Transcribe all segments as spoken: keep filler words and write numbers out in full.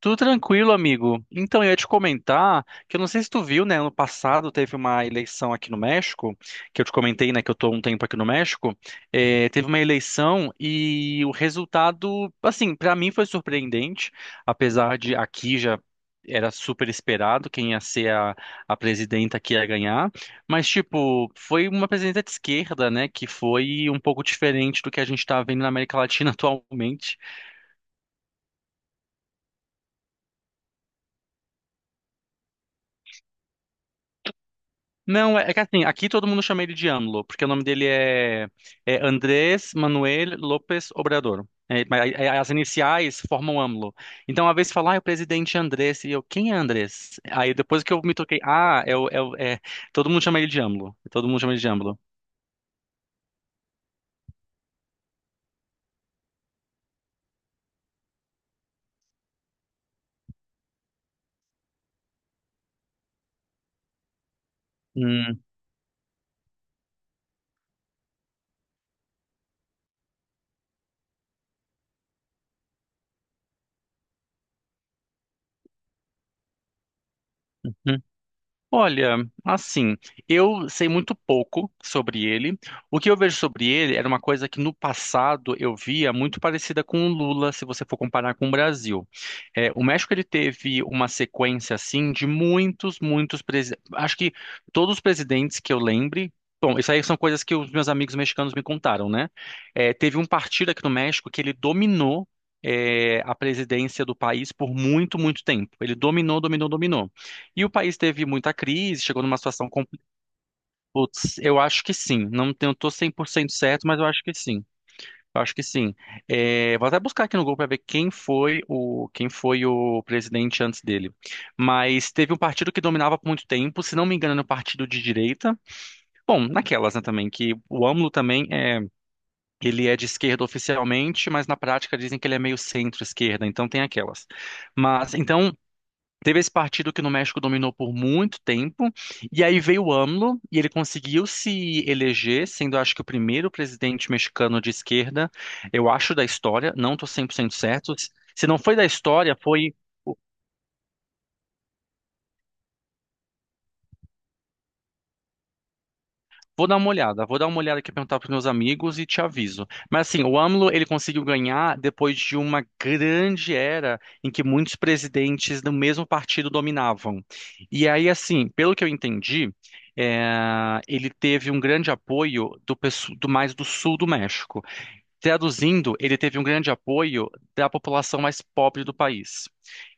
Tudo tranquilo, amigo. Então, eu ia te comentar que eu não sei se tu viu, né? Ano passado teve uma eleição aqui no México, que eu te comentei, né? Que eu tô há um tempo aqui no México. É, teve uma eleição e o resultado, assim, pra mim foi surpreendente, apesar de aqui já era super esperado quem ia ser a, a presidenta que ia ganhar. Mas, tipo, foi uma presidenta de esquerda, né? Que foi um pouco diferente do que a gente tá vendo na América Latina atualmente. Não, é, é que assim, aqui todo mundo chama ele de AMLO, porque o nome dele é, é Andrés Manuel López Obrador. É, mas aí- aí as iniciais formam AMLO. Então, uma vez fala, ah, é o presidente Andrés, e eu, quem é Andrés? Aí depois que eu me toquei, ah, é, o- é, o- é, todo mundo chama ele de AMLO. Todo mundo chama ele de AMLO. Hum. Olha, assim, eu sei muito pouco sobre ele. O que eu vejo sobre ele era uma coisa que no passado eu via muito parecida com o Lula, se você for comparar com o Brasil. É, o México ele teve uma sequência assim de muitos, muitos presidentes. Acho que todos os presidentes que eu lembre. Bom, isso aí são coisas que os meus amigos mexicanos me contaram, né? É, teve um partido aqui no México que ele dominou é, a presidência do país por muito, muito tempo. Ele dominou, dominou, dominou. E o país teve muita crise, chegou numa situação complicada. Putz, eu acho que sim. Não tenho, tô cem por cento certo, mas eu acho que sim. Eu acho que sim. É, vou até buscar aqui no Google para ver quem foi o quem foi o presidente antes dele. Mas teve um partido que dominava por muito tempo, se não me engano, era um partido de direita. Bom, naquelas, né, também, que o AMLO também é, ele é de esquerda oficialmente, mas na prática dizem que ele é meio centro-esquerda, então tem aquelas. Mas então teve esse partido que no México dominou por muito tempo, e aí veio o AMLO, e ele conseguiu se eleger, sendo acho que o primeiro presidente mexicano de esquerda, eu acho, da história, não estou cem por cento certo. Se não foi da história, foi. Vou dar uma olhada, vou dar uma olhada aqui, perguntar para meus amigos e te aviso. Mas assim, o AMLO ele conseguiu ganhar depois de uma grande era em que muitos presidentes do mesmo partido dominavam. E aí, assim, pelo que eu entendi, eh, ele teve um grande apoio do, pesso- do mais do sul do México. Traduzindo, ele teve um grande apoio da população mais pobre do país.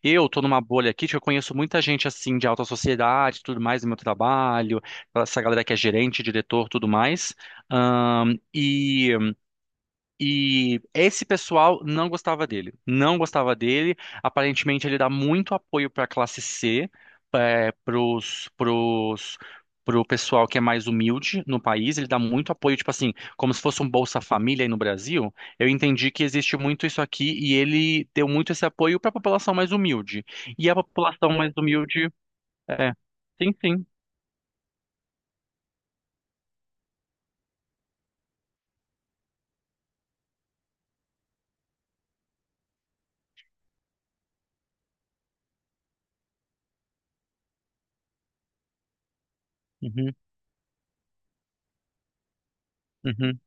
Eu tô numa bolha aqui que eu conheço muita gente assim de alta sociedade, e tudo mais no meu trabalho, essa galera que é gerente, diretor, tudo mais. Ahn, e e esse pessoal não gostava dele. Não gostava dele. Aparentemente, ele dá muito apoio para a classe C, é, pros, pros, pro pessoal que é mais humilde no país. Ele dá muito apoio, tipo assim, como se fosse um Bolsa Família aí no Brasil. Eu entendi que existe muito isso aqui e ele deu muito esse apoio para a população mais humilde. E a população mais humilde é. Sim, sim. Uhum, uhum.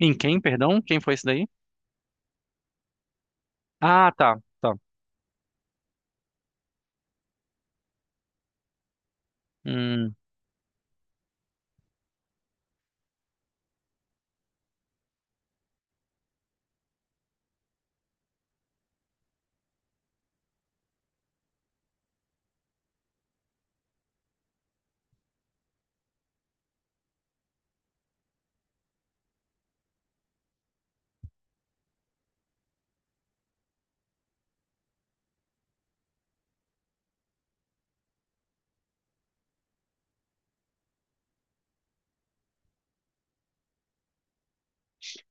Em quem, perdão? Quem foi esse daí? Ah, tá. Tá. Hum.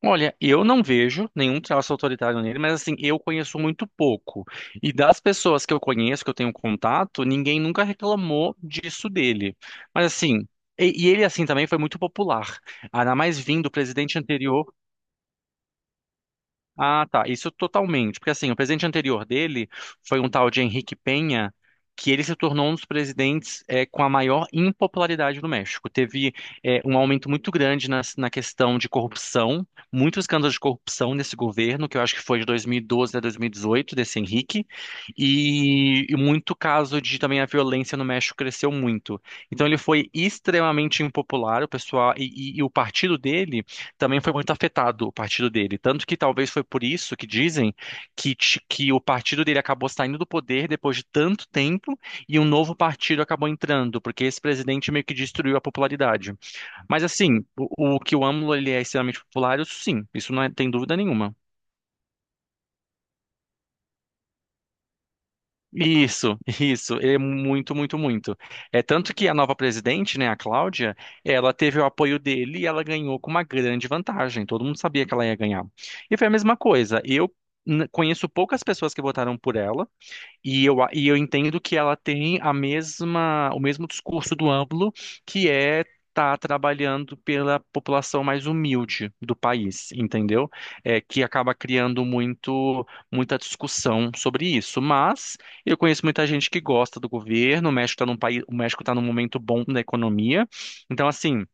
Olha, eu não vejo nenhum traço autoritário nele, mas assim, eu conheço muito pouco. E das pessoas que eu conheço, que eu tenho contato, ninguém nunca reclamou disso dele. Mas assim, e, e ele assim também foi muito popular. Ainda mais vindo do presidente anterior. Ah, tá. Isso totalmente. Porque assim, o presidente anterior dele foi um tal de Henrique Penha, que ele se tornou um dos presidentes eh, com a maior impopularidade no México. Teve eh, um aumento muito grande nas- na, questão de corrupção, muitos escândalos de corrupção nesse governo, que eu acho que foi de dois mil e doze a dois mil e dezoito, desse Henrique, e, e muito caso de também a violência no México cresceu muito. Então ele foi extremamente impopular, o pessoal, e e- e o partido dele também foi muito afetado o partido dele. Tanto que talvez foi por isso que dizem que, ti- que o partido dele acabou saindo do poder depois de tanto tempo e um novo partido acabou entrando, porque esse presidente meio que destruiu a popularidade. Mas assim, o, o que o AMLO ele é extremamente popular, isso sim, isso não é- tem dúvida nenhuma. Isso, isso, é muito, muito, muito. É tanto que a nova presidente, né, a Cláudia, ela teve o apoio dele e ela ganhou com uma grande vantagem. Todo mundo sabia que ela ia ganhar. E foi a mesma coisa. Eu n- conheço poucas pessoas que votaram por ela, e eu, a- e eu entendo que ela tem a mesma, o mesmo discurso do AMLO, que é tá trabalhando pela população mais humilde do país, entendeu? É, que acaba criando muito, muita discussão sobre isso. Mas eu conheço muita gente que gosta do governo, o México está num país, o México está num momento bom da economia. Então, assim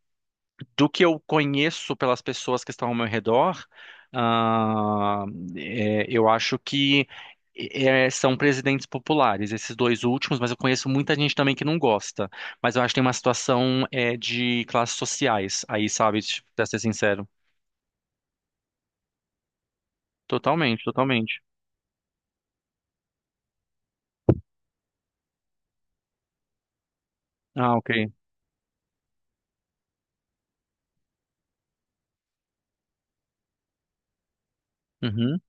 do que eu conheço pelas pessoas que estão ao meu redor, ah, é, eu acho que é, são presidentes populares, esses dois últimos, mas eu conheço muita gente também que não gosta. Mas eu acho que tem uma situação é, de classes sociais aí, sabe? Tipo, pra ser sincero. Totalmente, totalmente. Ah, ok. Uhum,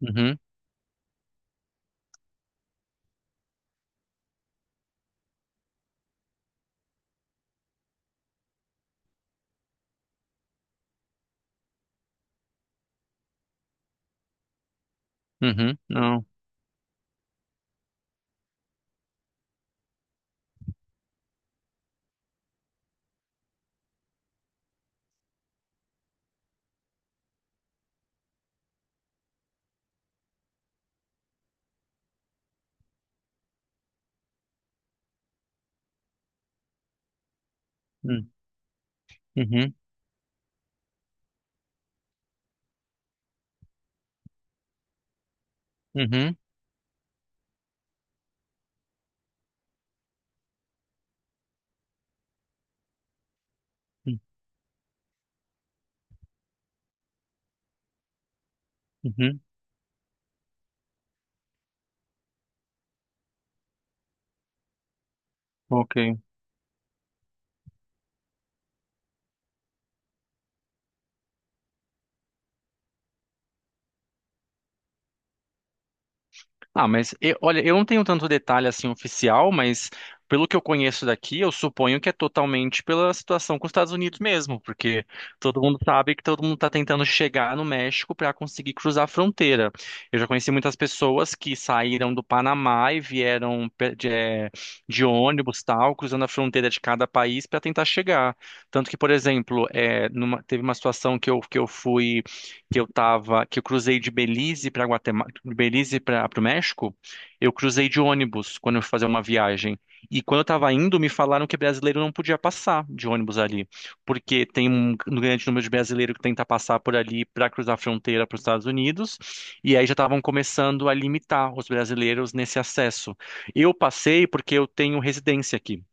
uhum, uhum, não. Hum. Uhum, uhum, uhum, uhum, ok. Ah, mas eu- olha, eu não tenho tanto detalhe assim oficial, mas pelo que eu conheço daqui, eu suponho que é totalmente pela situação com os Estados Unidos mesmo, porque todo mundo sabe que todo mundo está tentando chegar no México para conseguir cruzar a fronteira. Eu já conheci muitas pessoas que saíram do Panamá e vieram pe- de, eh, de ônibus, tal, cruzando a fronteira de cada país para tentar chegar. Tanto que, por exemplo, eh, numa- teve uma situação que eu, que eu fui que eu tava, que eu cruzei de Belize para Guatemala, de Belize para o México, eu cruzei de ônibus quando eu fui fazer uma viagem. E quando eu estava indo, me falaram que brasileiro não podia passar de ônibus ali, porque tem um grande número de brasileiro que tenta passar por ali para cruzar a fronteira para os Estados Unidos, e aí já estavam começando a limitar os brasileiros nesse acesso. Eu passei porque eu tenho residência aqui.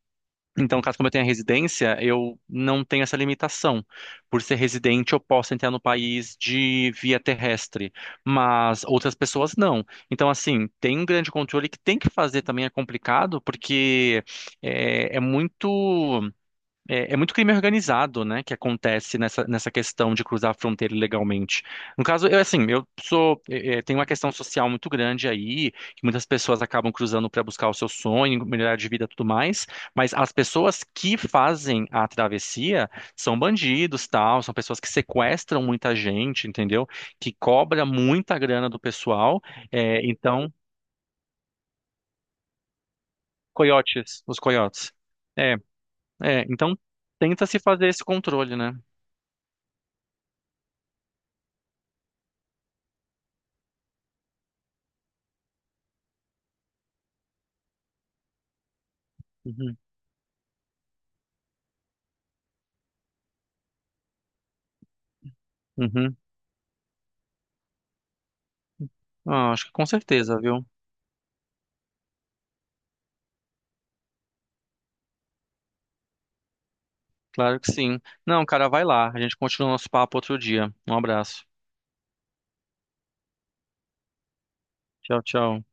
Então, caso como eu tenha residência, eu não tenho essa limitação. Por ser residente, eu posso entrar no país de via terrestre, mas outras pessoas não. Então, assim, tem um grande controle que tem que fazer também é complicado, porque é, é muito. É, é muito crime organizado, né, que acontece nessa, nessa questão de cruzar a fronteira ilegalmente. No caso, eu assim, eu sou, é, é, tem uma questão social muito grande aí, que muitas pessoas acabam cruzando para buscar o seu sonho, melhorar de vida, e tudo mais. Mas as pessoas que fazem a travessia são bandidos, tal, são pessoas que sequestram muita gente, entendeu? Que cobra muita grana do pessoal. É, então, coiotes, os coiotes. É, é, então tenta se fazer esse controle, né? Uhum. Uhum. Ah, acho que com certeza, viu? Claro que sim. Não, cara, vai lá. A gente continua o nosso papo outro dia. Um abraço. Tchau, tchau.